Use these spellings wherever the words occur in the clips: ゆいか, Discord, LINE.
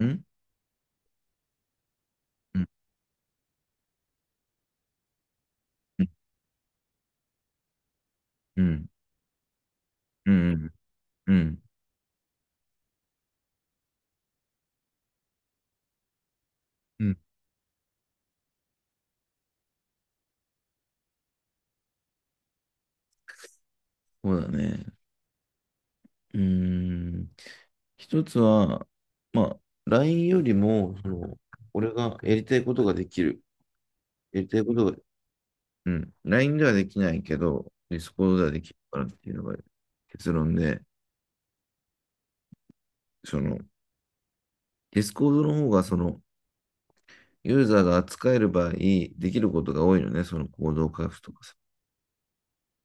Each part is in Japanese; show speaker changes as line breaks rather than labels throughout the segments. うん、うん、うん、うん、うん、うん、うん、そうだね。うーん。一つは、まあ、LINE よりも、俺がやりたいことができる。やりたいことが、うん、LINE ではできないけど、Discord ではできるからっていうのが結論で、その、Discord の方が、ユーザーが扱える場合、できることが多いのね、その行動を書くとかさ。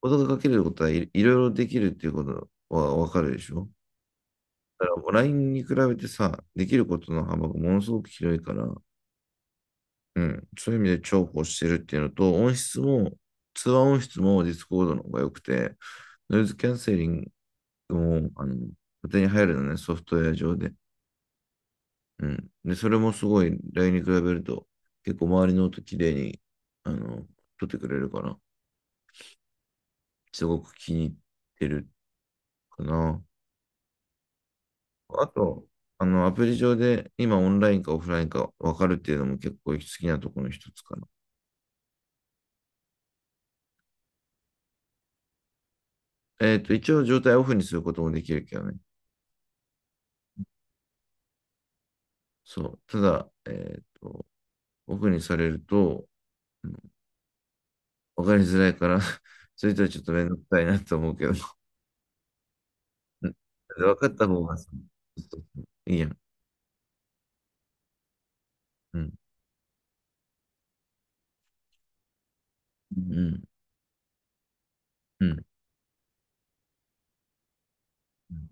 行動が書けること、はい、いろいろできるっていうことはわかるでしょだからもう LINE に比べてさ、できることの幅がものすごく広いから、うん、そういう意味で重宝してるっていうのと、音質も、通話音質もディスコードの方が良くて、ノイズキャンセリングも、勝手に入るのね、ソフトウェア上で。うん。で、それもすごい、LINE に比べると、結構周りの音綺麗に、あの、撮ってくれるから、すごく気に入ってるかな。あと、アプリ上で今オンラインかオフラインか分かるっていうのも結構好きなところの一つかな。一応状態をオフにすることもできるけどね。そう。ただ、オフにされると、うん、わかりづらいから、 それとはちょっとめんどくさいなと思うけど。うん、わかった方がさ、そうそう、いいやん。うん。うん。うん。うん。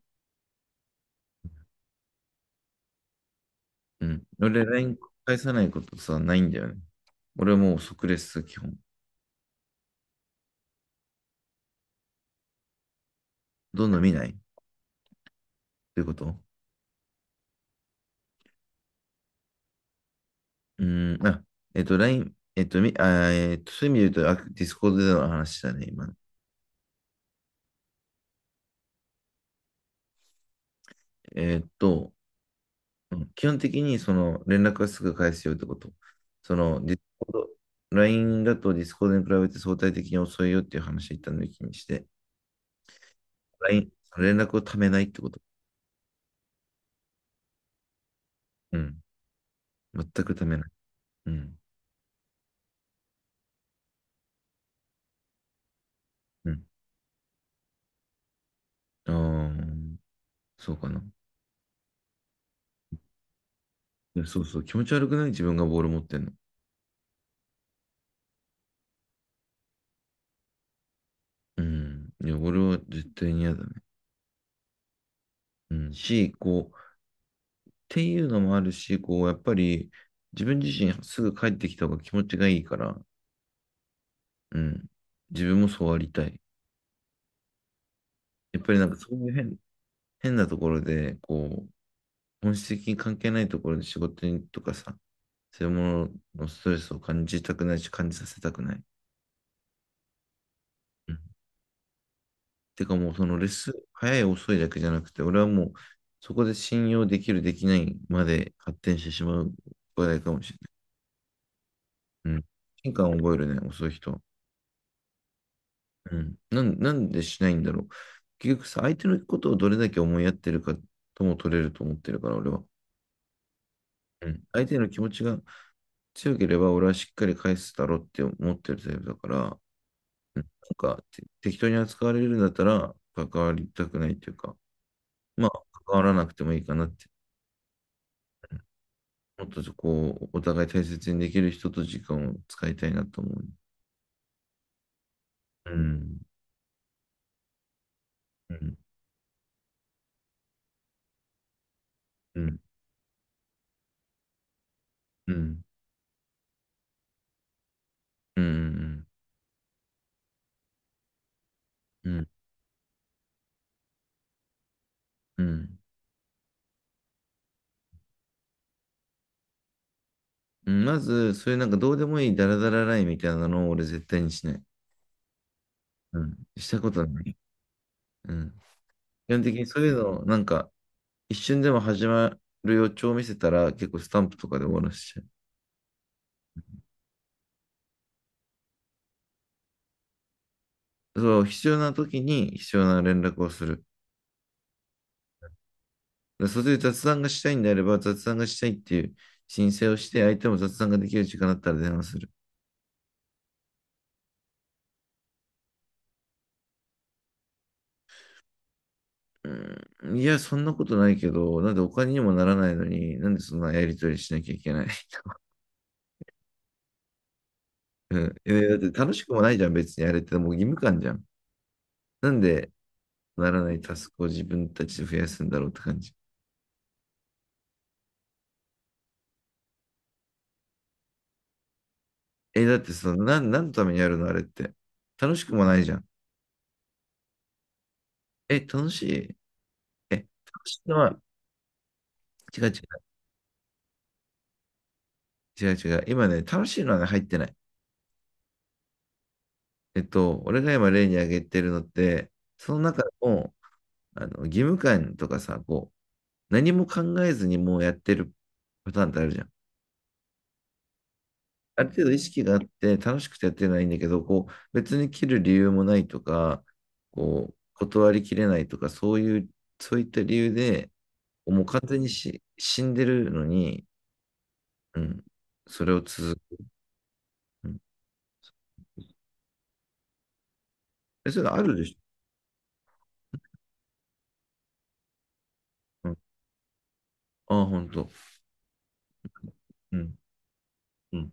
うん、俺、LINE 返さないことさ、ないんだよね。俺はもう即レス、基本。どんどん見ないということ。うーん。あ、えっと、ラインえっと、み、あー、えっと、そういう意味で言うと、あ、ディスコードでの話だね、今。えっと、うん、基本的にその連絡はすぐ返すよってこと。その、ディスコード、LINE だとディスコードに比べて相対的に遅いよっていう話を一旦抜きにして、LINE、連絡をためないってこと。うん。全くためない。うん。うん。ああ、そうかな。いや、そうそう。気持ち悪くない、自分がボール持ってんの。うん。いや、俺は絶対に嫌だね。うん。し、こう、っていうのもあるし、やっぱり、自分自身すぐ帰ってきた方が気持ちがいいから、うん。自分もそうありたい。やっぱりなんかそういう変、変なところで、本質的に関係ないところで仕事にとかさ、そういうもののストレスを感じたくないし、感じさせたくない。うん、てかもうそのレッスン、早い遅いだけじゃなくて、俺はもうそこで信用できる、できないまで発展してしまう話題かもしれない。うん。変化を覚えるね、遅い人は。うん。なんでしないんだろう。結局さ、相手のことをどれだけ思いやってるかとも取れると思ってるから、俺は。うん。相手の気持ちが強ければ俺はしっかり返すだろうって思ってるタイプだから、うん、なんかて適当に扱われるんだったら関わりたくないというか、まあ関わらなくてもいいかなって。うん、もっとそこをお互い大切にできる人と時間を使いたいなと思う。うん、うん、うん、うん、うん、うん、うん。うん、まず、そういうなんかどうでもいいダラダララインみたいなのを俺絶対にしない。うん、したことない。うん。基本的にそういうのをなんか一瞬でも始まる予兆を見せたら、結構スタンプとかで終わらせちゃう。そう、必要な時に必要な連絡をする。でそれで雑談がしたいんであれば、雑談がしたいっていう申請をして、相手も雑談ができる時間だったら電話する。うん、いや、そんなことないけど、なんでお金にもならないのに、なんでそんなやりとりしなきゃいけない。うん。え、だって楽しくもないじゃん、別にあれってもう義務感じゃん。なんでならないタスクを自分たちで増やすんだろうって感じ。え、だってその、何のためにやるのあれって。楽しくもないじゃん。え、楽しい。え、楽しいのは、違う違う、違う違う。今ね、楽しいのはね、入ってない。えっと、俺が今例に挙げてるのって、その中の、義務感とかさ、何も考えずにもうやってるパターンってあるじゃん。ある程度意識があって、楽しくてやってないんだけど、別に切る理由もないとか、断りきれないとか、そういう、そういった理由で、もう完全にし、死んでるのに、うん、それを続ける。うん、え、それあるでしょう。ん、ああ、ほんと。うん、うん、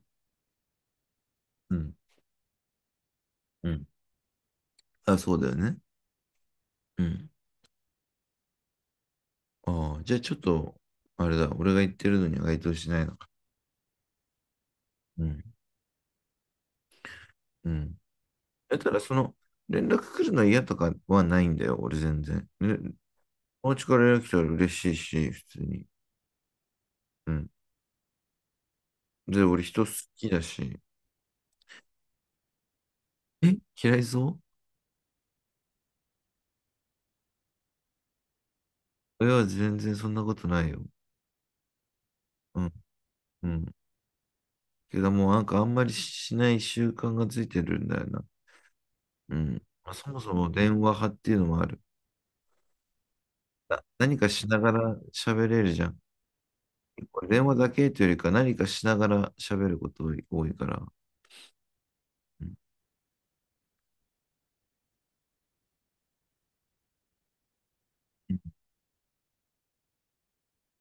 うん、うん。あ、そうだよね。うん。ああ、じゃあちょっと、あれだ、俺が言ってるのには該当しないのか。うん、うん。だったら、連絡来るの嫌とかはないんだよ、俺全然。ね、お家から連絡来たら嬉しいし、普通に。うん。で、俺人好きだし。え、嫌いそういや、全然そんなことないよ。うん、うん。けどもうなんかあんまりしない習慣がついてるんだよな。うん。まあ、そもそも電話派っていうのもある。何かしながら喋れるじゃん。電話だけというよりか何かしながら喋ることが多いから。うん。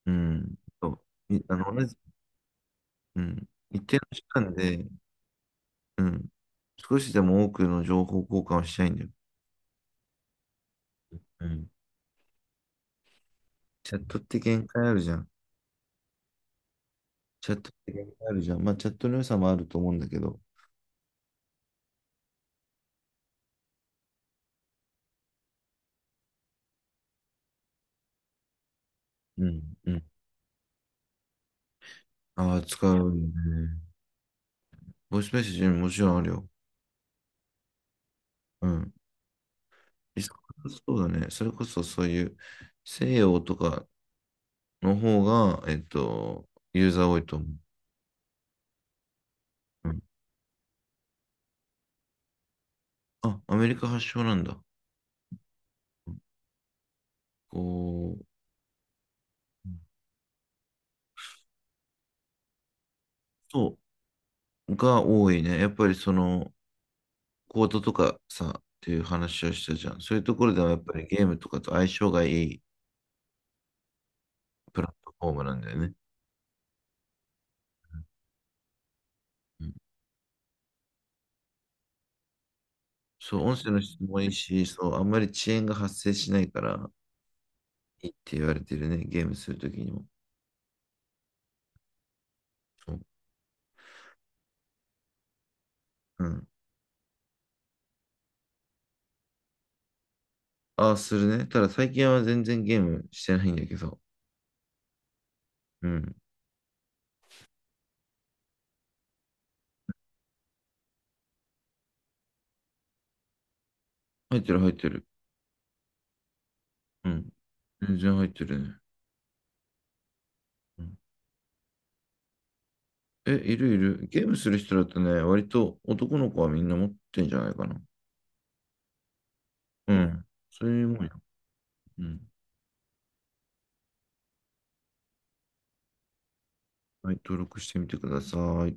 うん、そういあの、同じ、うん。一定の時間で、うん。少しでも多くの情報交換をしたいんだよ。うん。チャットって限界あるじゃん。チャットって限界あるじゃん。まあ、チャットの良さもあると思うんだけど。うん。うん。ああ、使うよね。ボイスメッセージももちろんあるよ。うん。忙しそうだね。それこそそういう西洋とかの方が、ユーザー多いと思う。うん、あ、アメリカ発祥なんだ。こう、そう、が多いね。やっぱりその、コートとかさ、っていう話をしたじゃん。そういうところではやっぱりゲームとかと相性がいいプラットフォームなんだよね。うん、そう、音声の質もいいし、そう、あんまり遅延が発生しないから、いいって言われてるね、ゲームするときにも。そう、うん。ああ、するね。ただ最近は全然ゲームしてないんだけど。うん。入ってる入ってる。うん。全然入ってるね。うん、え、いるいる。ゲームする人だとね、割と男の子はみんな持ってんじゃないかな。うん。それもんや。うん。はい、登録してみてください。